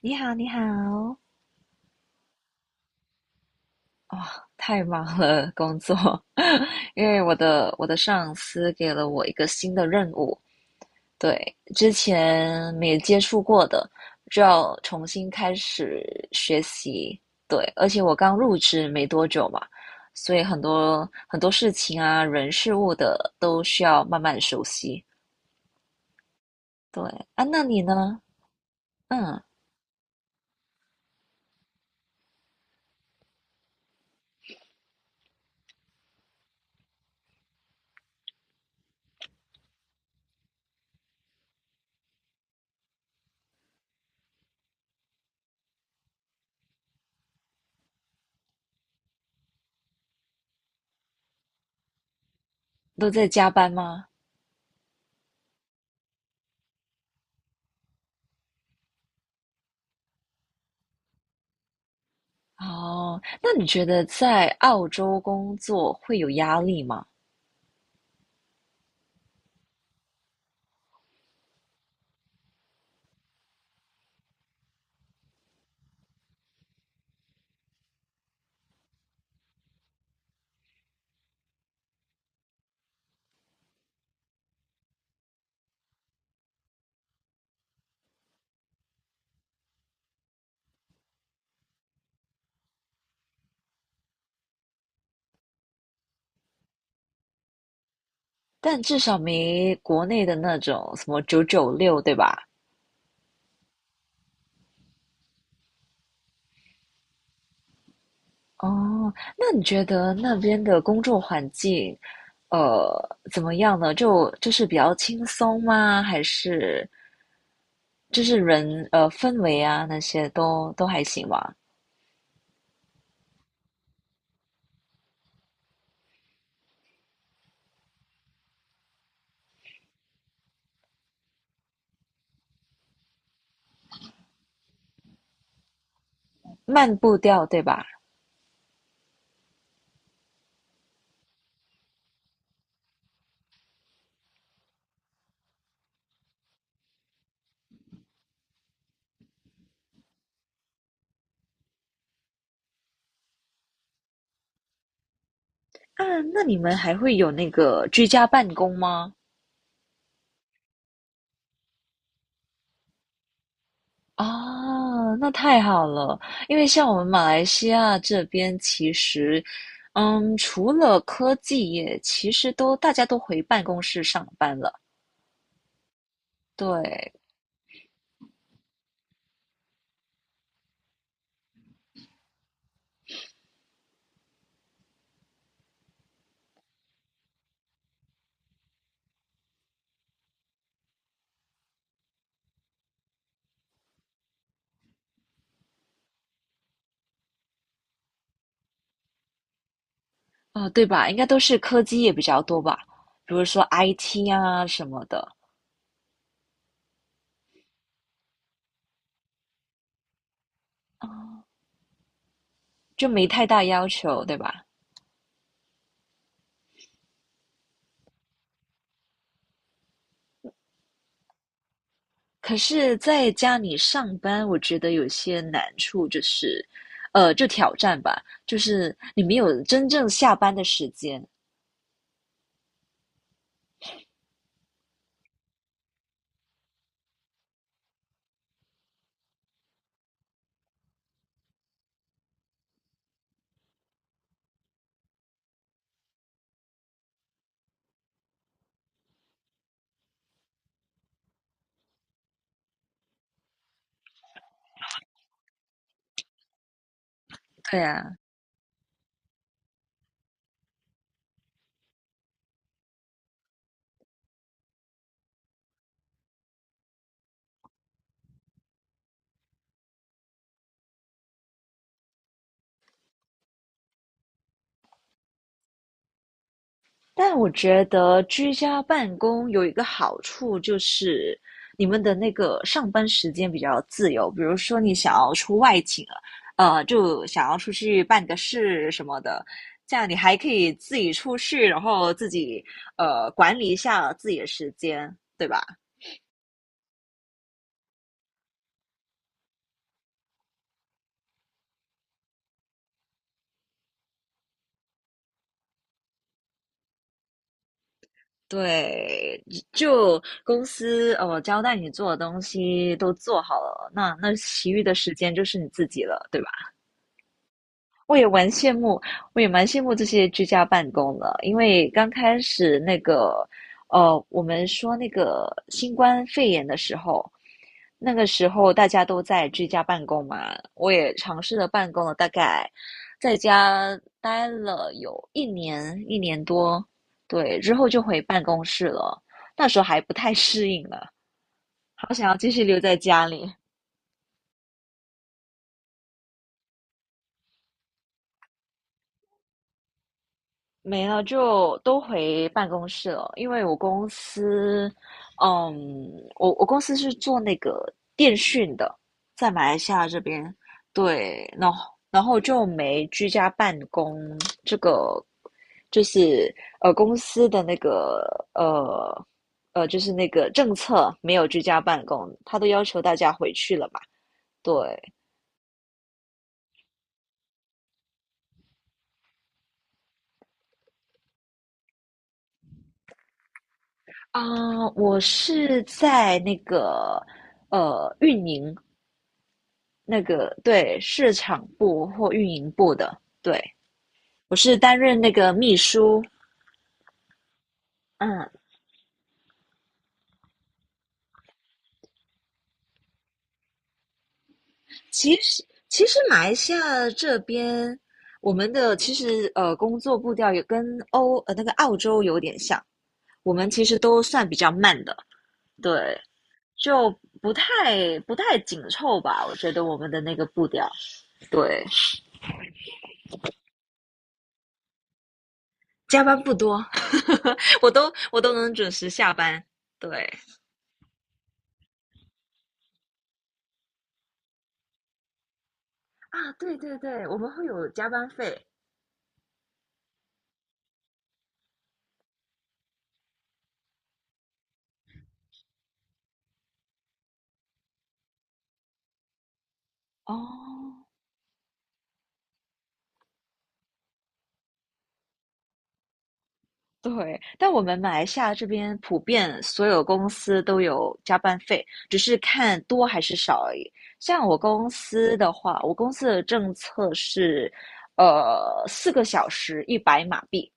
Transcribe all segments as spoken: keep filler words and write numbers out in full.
你好，你好。哇，太忙了，工作。因为我的我的上司给了我一个新的任务，对，之前没接触过的，就要重新开始学习。对，而且我刚入职没多久嘛，所以很多很多事情啊，人事物的都需要慢慢熟悉。对。啊，那你呢？嗯，都在加班吗？哦，那你觉得在澳洲工作会有压力吗？但至少没国内的那种什么九九六，对吧？哦，那你觉得那边的工作环境，呃，怎么样呢？就就是比较轻松吗？还是就是人呃氛围啊那些都都还行吗？慢步调，对吧？啊，那你们还会有那个居家办公吗？哦，那太好了。因为像我们马来西亚这边，其实，嗯，除了科技业，其实都大家都回办公室上班了。对。啊、对吧？应该都是科技业比较多吧，比如说 I T 啊什么的，就没太大要求，对吧？可是在家里上班，我觉得有些难处，就是，呃，就挑战吧，就是你没有真正下班的时间。对啊。但我觉得居家办公有一个好处就是，你们的那个上班时间比较自由。比如说你想要出外景了，呃，就想要出去办个事什么的，这样你还可以自己出去，然后自己呃管理一下自己的时间，对吧？对，就公司呃交代你做的东西都做好了，那那其余的时间就是你自己了，对吧？我也蛮羡慕，我也蛮羡慕这些居家办公的。因为刚开始那个，呃，我们说那个新冠肺炎的时候，那个时候大家都在居家办公嘛，我也尝试了办公了，大概在家待了有一年一年多。对，之后就回办公室了，那时候还不太适应了，好想要继续留在家里。没了，就都回办公室了。因为我公司，嗯，我我公司是做那个电讯的，在马来西亚这边。对，然后然后就没居家办公这个，就是呃公司的那个呃呃就是那个政策没有居家办公，他都要求大家回去了嘛。对。啊，我是在那个呃运营，那个对市场部或运营部的，对，我是担任那个秘书。嗯，其实其实马来西亚这边我们的其实呃工作步调也跟欧呃那个澳洲有点像，我们其实都算比较慢的。对，就不太不太紧凑吧，我觉得我们的那个步调。对，加班不多，我都我都能准时下班。对。啊，对对对，我们会有加班费。哦，对，但我们马来西亚这边普遍所有公司都有加班费，只是看多还是少而已。像我公司的话，我公司的政策是，呃，四个小时一百马币。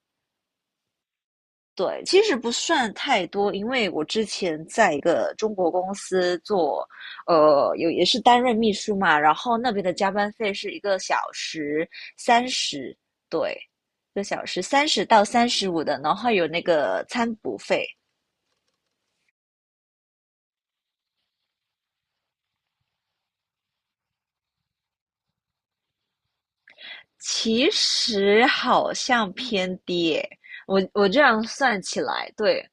对，其实不算太多，因为我之前在一个中国公司做，呃，有也是担任秘书嘛，然后那边的加班费是一个小时三十，对，一个小时三十到三十五的，然后有那个餐补费。其实好像偏低诶，我我这样算起来，对，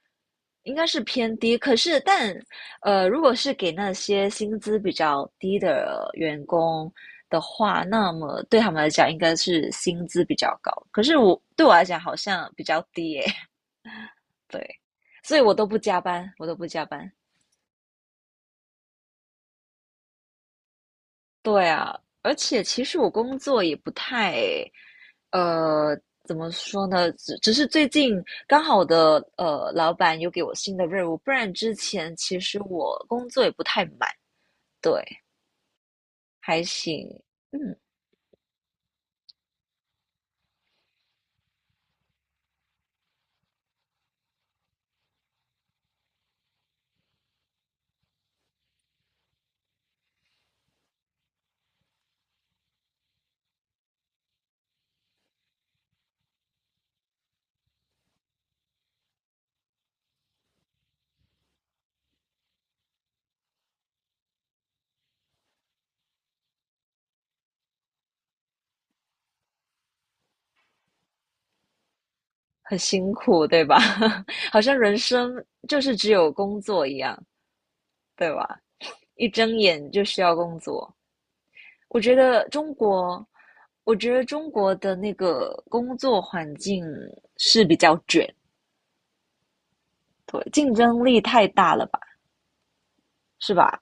应该是偏低。可是但呃，如果是给那些薪资比较低的员工的话，那么对他们来讲应该是薪资比较高。可是我对我来讲好像比较低耶。对，所以我都不加班，我都不加班。对啊，而且其实我工作也不太，呃，怎么说呢？只只是最近刚好我的呃老板有给我新的任务，不然之前其实我工作也不太满。对，还行，嗯，很辛苦，对吧？好像人生就是只有工作一样，对吧？一睁眼就需要工作。我觉得中国，我觉得中国的那个工作环境是比较卷。对，竞争力太大了吧，是吧？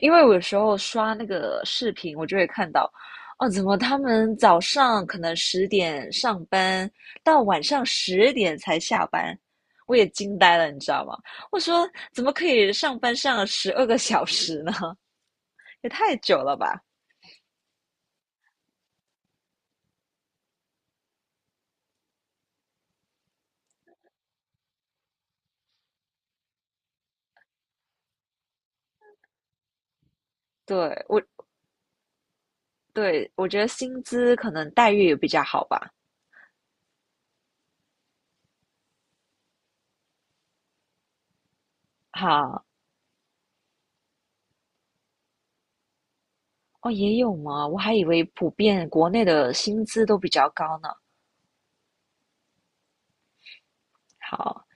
因为我有时候刷那个视频，我就会看到，哦，怎么他们早上可能十点上班，到晚上十点才下班，我也惊呆了，你知道吗？我说怎么可以上班上十二个小时呢？也太久了吧？对，我，对，我觉得薪资可能待遇也比较好吧。哈，哦，也有吗？我还以为普遍国内的薪资都比较高呢。好，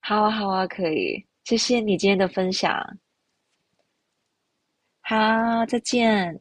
好啊，好啊，可以，谢谢你今天的分享。好，再见。